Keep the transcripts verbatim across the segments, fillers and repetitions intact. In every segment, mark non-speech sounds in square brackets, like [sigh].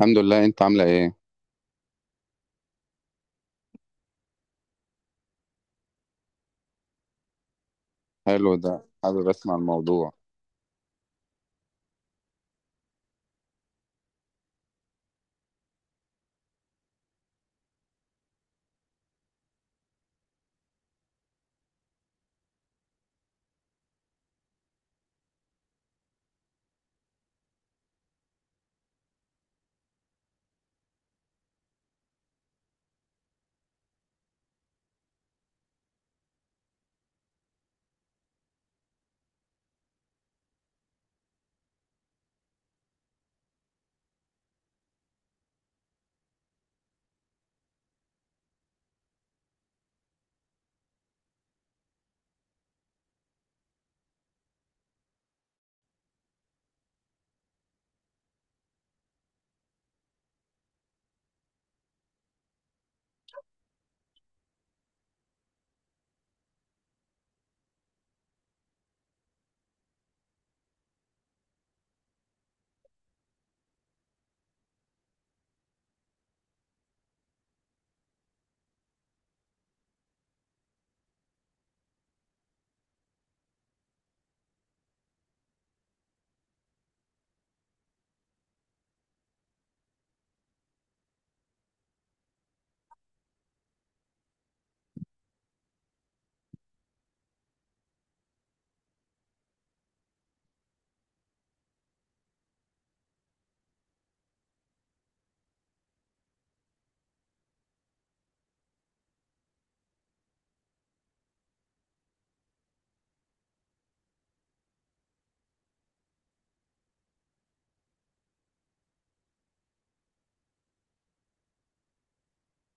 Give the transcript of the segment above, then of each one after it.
الحمد لله، انت عاملة ايه؟ حلو، ده حابب اسمع الموضوع.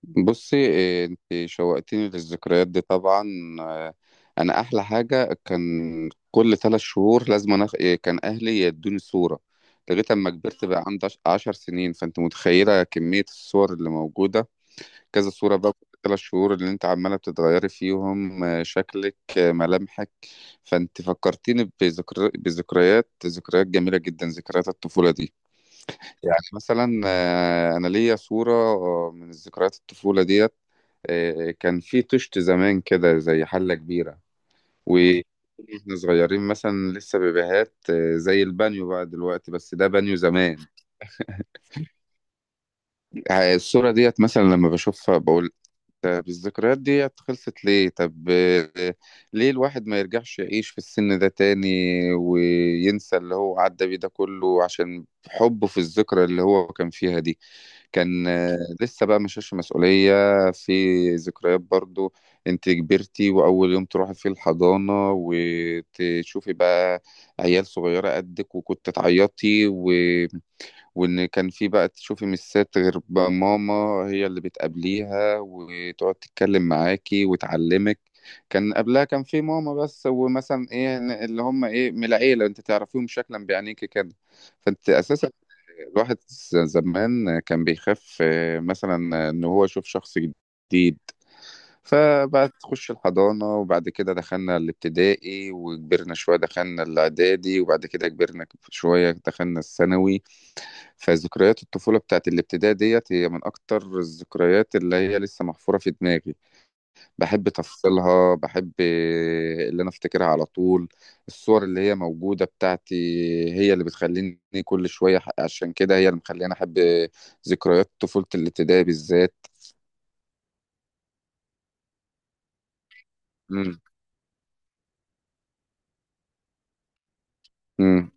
بصي إيه، انت شوقتيني للذكريات دي طبعا. آه، انا احلى حاجة كان كل ثلاث شهور لازم أنا إيه، كان اهلي يدوني صورة لغاية اما كبرت بقى عندي عش- عشر سنين. فانت متخيلة كمية الصور اللي موجودة. كذا صورة بقى كل ثلاث شهور اللي انت عمالة بتتغيري فيهم آه، شكلك، آه، ملامحك. فانت فكرتيني بذكر... بذكريات، ذكريات جميلة جدا، ذكريات الطفولة دي. يعني مثلا آه، انا ليا صوره آه، من ذكريات الطفوله ديت. آه، كان في طشت زمان كده زي حله كبيره. واحنا صغيرين مثلا لسه بيبيهات، آه، زي البانيو بقى دلوقتي، بس ده بانيو زمان. آه، الصوره ديت مثلا لما بشوفها بقول طب الذكريات ديت خلصت ليه؟ طب آه، ليه الواحد ما يرجعش يعيش في السن ده تاني وينسى اللي هو عدى بيه ده كله عشان حبه في الذكرى اللي هو كان فيها دي. كان آه، لسه بقى ما شالش مسؤولية. في ذكريات برضو. انت كبرتي واول يوم تروحي فيه الحضانة وتشوفي بقى عيال صغيرة قدك وكنت تعيطي و... وان كان في بقى تشوفي ميسات غير بقى ماما، هي اللي بتقابليها وتقعد تتكلم معاكي وتعلمك. كان قبلها كان في ماما بس، ومثلا ايه اللي هم ايه من العيله انت تعرفيهم شكلا بعينيكي كده. فانت اساسا الواحد ز- زمان كان بيخاف آه، مثلا ان هو يشوف شخص جديد. فبقى تخش الحضانة، وبعد كده دخلنا الابتدائي وكبرنا شوية، دخلنا الاعدادي، وبعد كده كبرنا شوية دخلنا الثانوي. فذكريات الطفولة بتاعت الابتدائي ديت هي من أكتر الذكريات اللي هي لسه محفورة في دماغي. بحب تفاصيلها، بحب اللي أنا أفتكرها على طول. الصور اللي هي موجودة بتاعتي هي اللي بتخليني كل شوية، عشان كده هي اللي مخليني أحب ذكريات طفولة الابتدائي بالذات. مم. مم.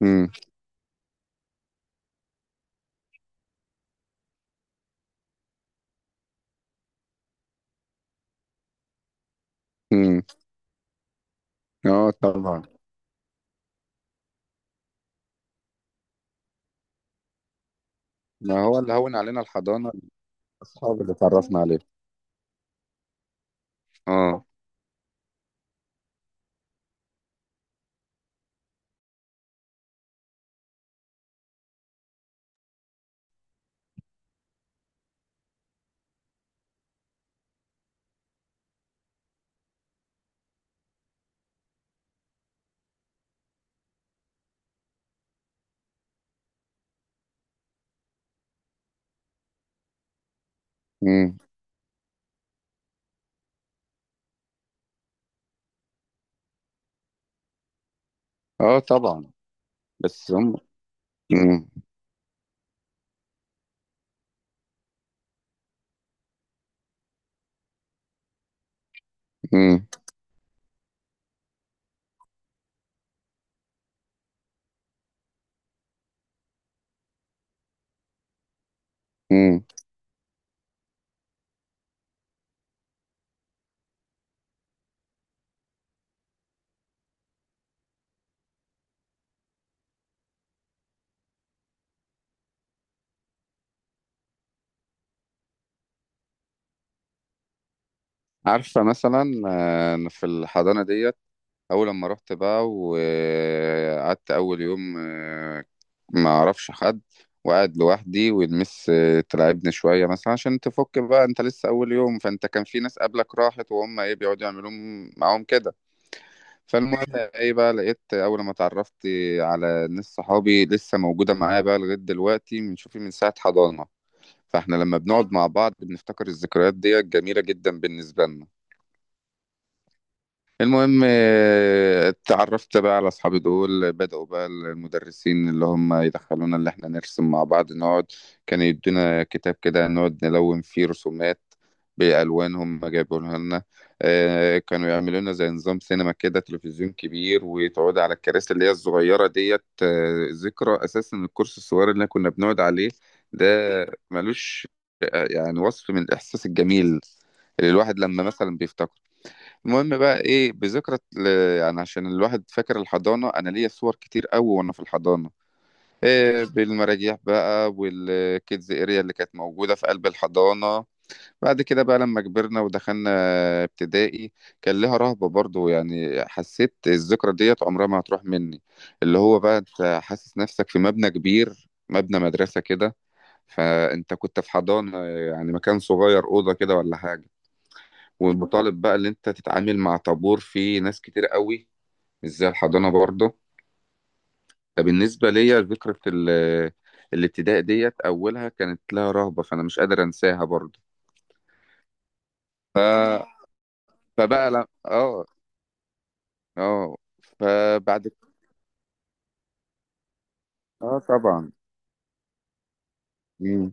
مم. مم. آه طبعا. ما هو اللي هون علينا الحضانة الأصحاب اللي اتعرفنا عليهم. آه. مم. آه طبعا. بس هم. مم. مم. مم. عارفة مثلا آه، في الحضانة ديت أول لما رحت بقى وقعدت أول يوم، آه، ما أعرفش حد وقاعد لوحدي، والمس آه، تلعبني شوية مثلا عشان تفك بقى، أنت لسه أول يوم، فأنت كان في ناس قبلك راحت وهم إيه بيقعدوا يعملوا معاهم كده. فالمهم إيه بقى لقيت أول ما اتعرفت على ناس صحابي لسه موجودة معايا بقى لغاية دلوقتي بنشوفي من ساعة حضانة. فاحنا لما بنقعد مع بعض بنفتكر الذكريات ديت جميلة جدا بالنسبة لنا. المهم آه، اتعرفت بقى على اصحابي دول، بدأوا بقى المدرسين اللي هم يدخلونا اللي احنا نرسم مع بعض نقعد. كان يدينا كتاب كده نقعد نلون فيه رسومات بألوانهم ما جابوها لنا. آه، كانوا يعملوا لنا زي نظام سينما كده، تلفزيون كبير وتقعد على الكراسي اللي هي الصغيرة ديت. آه، ذكرى أساسا الكرسي الصغير اللي كنا بنقعد عليه ده ملوش آه، يعني وصف من الإحساس الجميل اللي الواحد لما مثلا بيفتكر. المهم بقى ايه بذكرى ال- يعني عشان الواحد فاكر الحضانه، انا ليا صور كتير قوي وانا في الحضانه. إيه بالمراجيح بقى والكيدز اريا اللي كانت موجوده في قلب الحضانه. بعد كده بقى لما كبرنا ودخلنا ابتدائي كان لها رهبه برضو. يعني حسيت الذكرى ديت عمرها ما هتروح مني. اللي هو بقى انت حاسس نفسك في مبنى كبير، مبنى مدرسه كده. فانت كنت في حضانه يعني مكان صغير، اوضه كده ولا حاجه. ومطالب بقى ان انت تتعامل مع طابور فيه ناس كتير قوي، مش زي الحضانه برضه. فبالنسبه ليا ذكرى ال- الابتداء ديت اولها كانت لها رهبه، فانا مش قادر انساها برضه. ف... فبقى لا اه. اه. فبعد. اه طبعا. مم.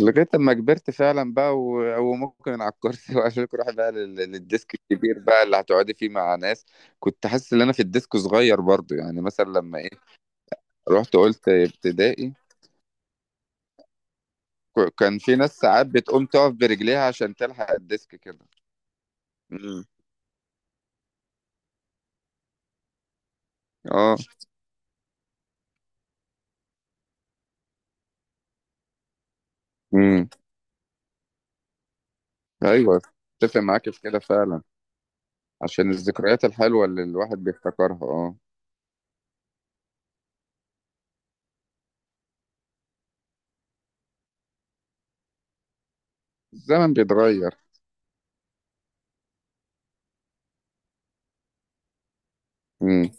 لغايه لما كبرت فعلا بقى و... وممكن على الكرسي [laughs] واشيلك اروح بقى لل... للديسك الكبير بقى اللي هتقعدي فيه مع ناس. كنت حاسس ان انا في الديسك صغير برضه، يعني مثلا لما ايه رحت قلت ابتدائي. ك- كان في ناس ساعات بتقوم تقف برجليها عشان تلحق الديسك كده. مم. اه. امم. ايوه، اتفق معاك في كده فعلا عشان الذكريات الحلوه اللي الواحد بيفتكرها، اه. الزمن بيتغير. امم.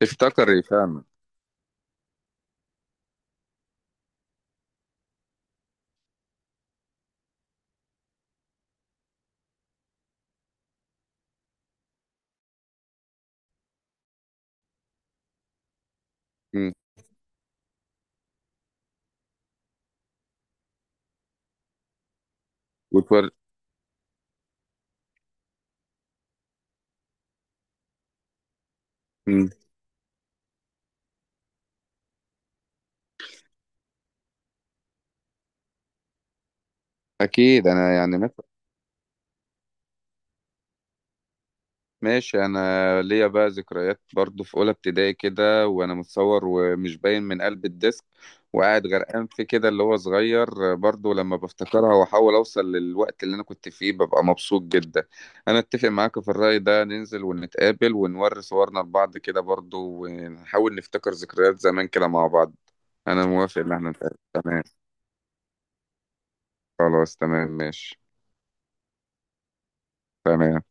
تفتكر ايه فعلا؟ امم. وتور... امم اكيد. انا يعني ماشي، انا ليا بقى ذكريات برضو في اولى ابتدائي كده وانا متصور ومش باين من قلب الديسك، وقاعد غرقان في كده اللي هو صغير برضو. لما بفتكرها واحاول اوصل للوقت اللي انا كنت فيه ببقى مبسوط جدا. انا اتفق معاك في الرأي ده، ننزل ونتقابل ونوري صورنا لبعض كده برضو ونحاول نفتكر ذكريات زمان كده مع بعض. انا موافق ان احنا نتقابل. تمام. خلاص تمام، ماشي. تمام.